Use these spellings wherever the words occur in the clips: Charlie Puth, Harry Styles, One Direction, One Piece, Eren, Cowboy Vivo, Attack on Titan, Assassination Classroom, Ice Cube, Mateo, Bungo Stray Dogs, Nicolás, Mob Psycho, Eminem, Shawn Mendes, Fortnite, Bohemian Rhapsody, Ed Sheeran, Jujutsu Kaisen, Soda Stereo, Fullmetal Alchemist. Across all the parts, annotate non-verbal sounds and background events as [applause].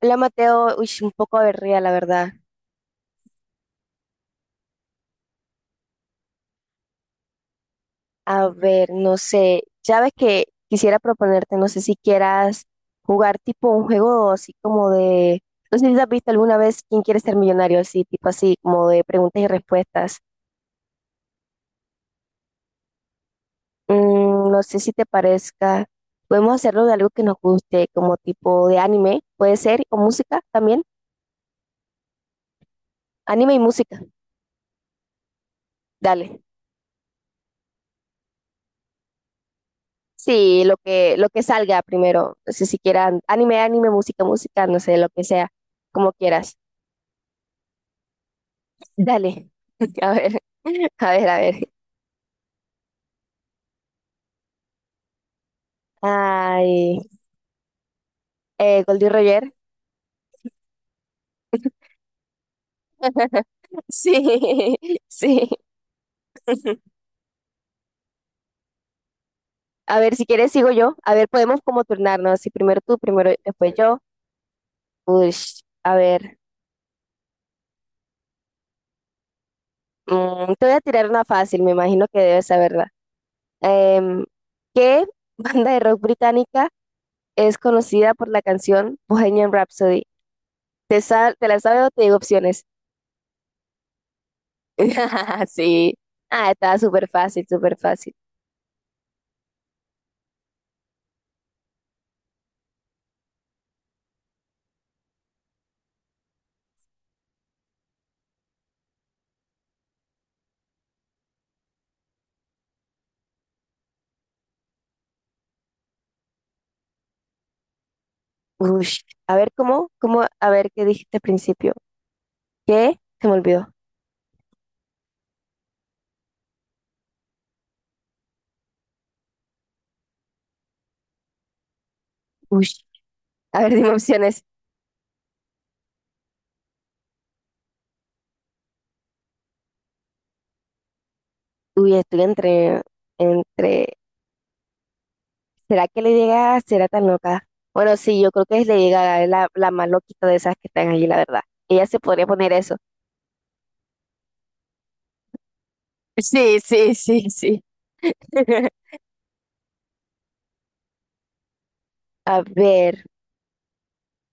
Hola Mateo, uy, un poco aburrida la verdad. A ver, no sé, ya ves que quisiera proponerte, no sé si quieras jugar tipo un juego así como de, no sé si has visto alguna vez quién quiere ser millonario, así tipo así como de preguntas y respuestas. No sé si te parezca, podemos hacerlo de algo que nos guste, como tipo de anime, puede ser, o música también, anime y música, dale. Sí, lo que salga primero, no si quieran anime, anime, música, música, no sé, lo que sea, como quieras. Dale. [laughs] A ver, a ver, a ver. Ay, Goldie Roger. [laughs] Sí, sí. A ver, si quieres sigo yo. A ver, podemos como turnarnos. Así primero tú, primero después yo. Uy, a ver. Te voy a tirar una fácil, me imagino que debes saberla. Em, ¿Qué [laughs] banda de rock británica es conocida por la canción Bohemian Rhapsody? Te la sabes o te digo opciones. [laughs] Sí. Ah, estaba súper fácil, súper fácil. Ush. A ver, ¿cómo? ¿Cómo? A ver, ¿qué dijiste al principio? ¿Qué? Se me olvidó. Ush. A ver, [laughs] dime opciones. Uy, estoy entre. ¿Será que le llega? ¿Será tan loca? Bueno, sí, yo creo que es le llega la más loquita de esas que están allí, la verdad. Ella se podría poner eso. [laughs] Sí, sí, sí, sí. [laughs] A ver.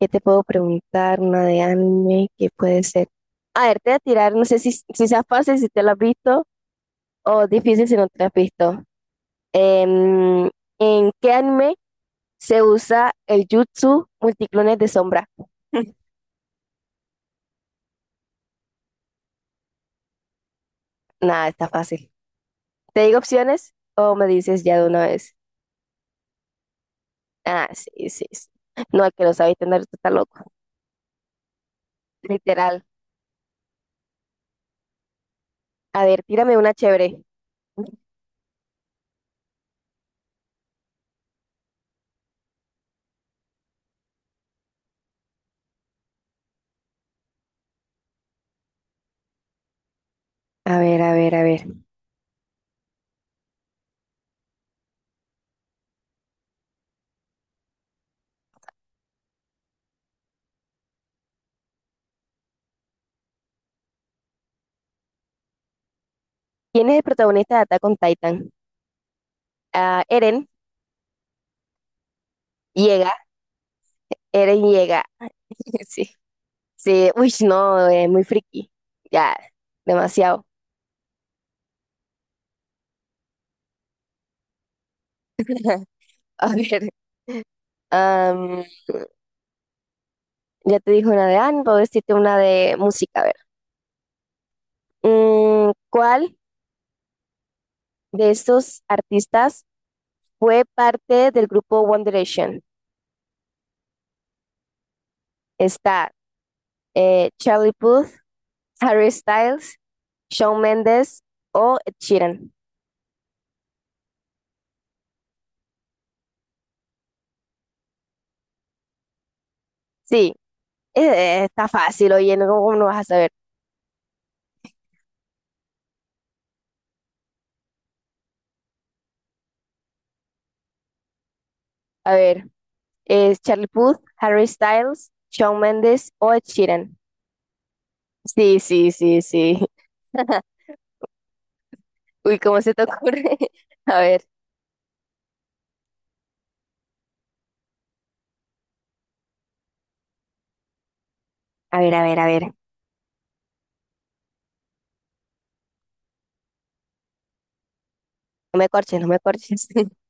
¿Qué te puedo preguntar? Una de anime, ¿qué puede ser? A ver, te voy a tirar, no sé si sea fácil, si te lo has visto, o difícil si no te lo has visto. Em, ¿En qué anime se usa el jutsu multiclones de sombra? [laughs] Nada, está fácil. ¿Te digo opciones o me dices ya de una vez? Ah, sí, sí, sí. No, el que lo sabe tener está loco. Literal. A ver, tírame una chévere. A ver, a ver, a ver. ¿Quién es el protagonista de Attack on Titan? Ah, Eren, Eren llega. [laughs] Sí. Sí, uy, no, muy friki. Ya, demasiado. [laughs] A ver, am, ya te dije una de Anne, puedo decirte una de música. A ver, ¿cuál de estos artistas fue parte del grupo One Direction? Está Charlie Puth, Harry Styles, Shawn Mendes o Ed Sheeran. Sí, está fácil, oye, ¿cómo no vas a saber? A ver, es Charlie Puth, Harry Styles, Shawn Mendes o Ed Sheeran. Sí, sí, sí, sí. [laughs] Uy, ¿cómo se te ocurre? [laughs] A ver, a ver, a ver, a ver. No me corches, no me corches. [laughs]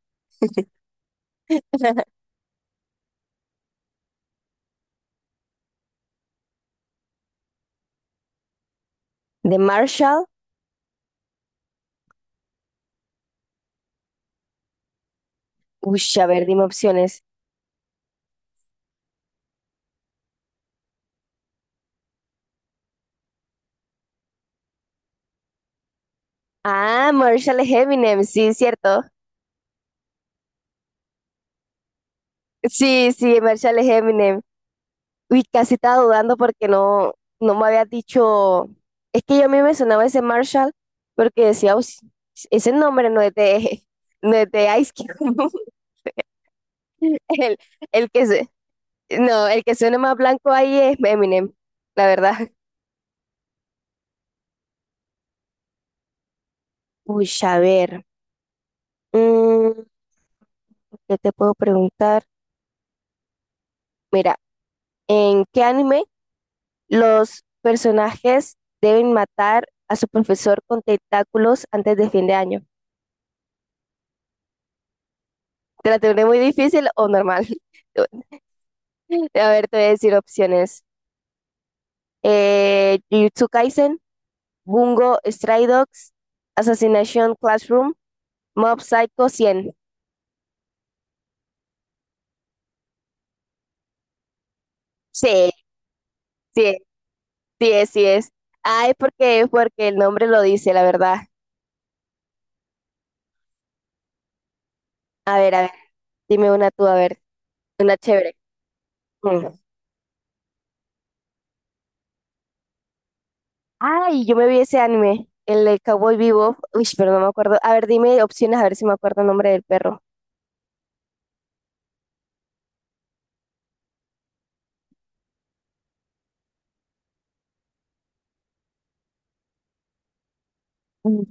De Marshall. Uy, a ver, dime opciones. Ah, Marshall es Eminem, sí, cierto. Sí, sí, Marshall es Eminem. Uy, casi estaba dudando porque no, no me había dicho. Es que yo a mí me sonaba ese Marshall porque decía, "Uy, ese nombre no es de, [laughs] no es de Ice Cube." El, el que se, no, el que suena más blanco ahí es Eminem, la verdad. Uy, a ver, mm, ¿qué te puedo preguntar? Mira, ¿en qué anime los personajes deben matar a su profesor con tentáculos antes de fin de año? ¿Te la tendré muy difícil o normal? [laughs] A ver, te voy a decir opciones. Jujutsu Kaisen, Bungo Stray Dogs, Assassination Classroom, Mob Psycho 100. Sí, sí, sí es, sí es. Ay, porque el nombre lo dice, la verdad. A ver, dime una tú, a ver, una chévere. Mm. Ay, yo me vi ese anime, el de Cowboy Vivo. Uy, pero no me acuerdo. A ver, dime opciones, a ver si me acuerdo el nombre del perro. Mm,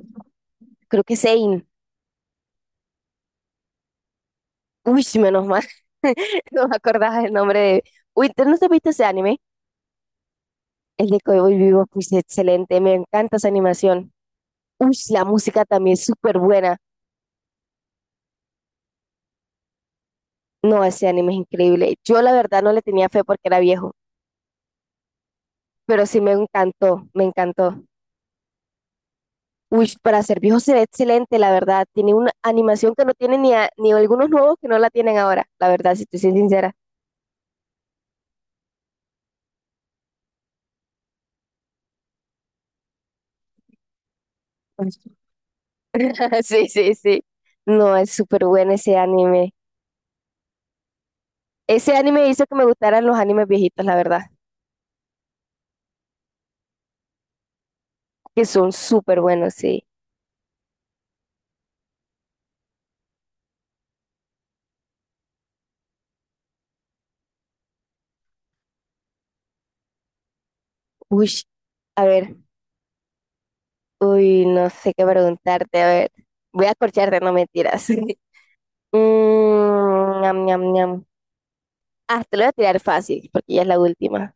Creo que es Zane. Uy, menos mal. [laughs] No me acordaba el nombre de... Uy, ¿tú no te viste ese anime? El de Cowboy Vivo, pues excelente, me encanta esa animación. Uy, la música también es súper buena. No, ese anime es increíble. Yo la verdad no le tenía fe porque era viejo. Pero sí me encantó, me encantó. Uy, para ser viejo se ve excelente, la verdad. Tiene una animación que no tiene ni, ni algunos nuevos que no la tienen ahora, la verdad, si te soy sincera. [laughs] Sí, sí, sí. No, es súper bueno ese anime. Ese anime hizo que me gustaran los animes viejitos, la verdad, que son súper buenos, sí. Uy, a ver, uy, no sé qué preguntarte, a ver. Voy a corcharte, no mentiras. [laughs] Ñam, ñam, ñam. Ah, te lo voy a tirar fácil, porque ya es la última.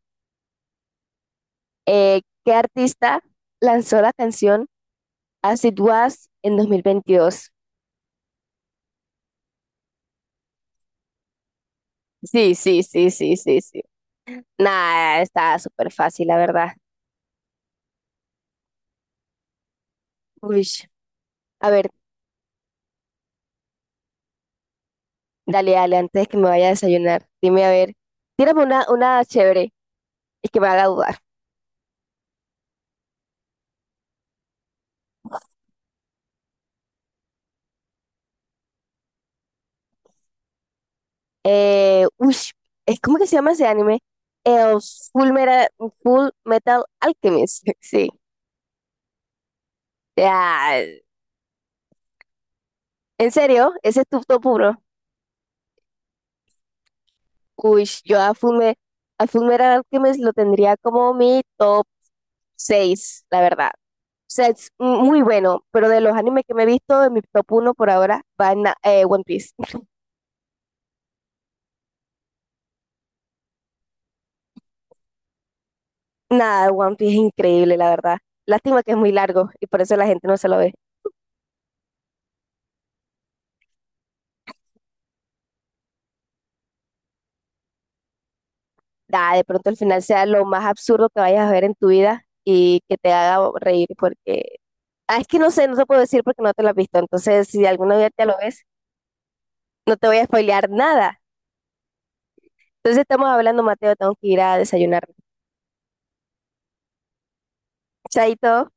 ¿Qué artista lanzó la canción As It Was en 2022? Sí, sí, sí, sí, sí, sí. Nada, está súper fácil, la verdad. Uy, a ver, dale, dale, antes de que me vaya a desayunar, dime, a ver, tírame una chévere y que me haga dudar. Uy, es ¿cómo que se llama ese anime? El Full Metal, Full Metal Alchemist. [laughs] Sí. Ya, ¿en serio? ¿Ese es tu top uno? Uy, yo a Fullmetal Alchemist lo tendría como mi top 6, la verdad. O sea, es muy bueno, pero de los animes que me he visto, en mi top uno por ahora va One Piece. Nada, One Piece es increíble, la verdad. Lástima que es muy largo y por eso la gente no se lo ve. Nada, de pronto al final sea lo más absurdo que vayas a ver en tu vida y que te haga reír porque... Ah, es que no sé, no te puedo decir porque no te lo has visto. Entonces, si alguna vez te lo ves, no te voy a spoilear nada. Entonces estamos hablando, Mateo, tengo que ir a desayunar. Chaito.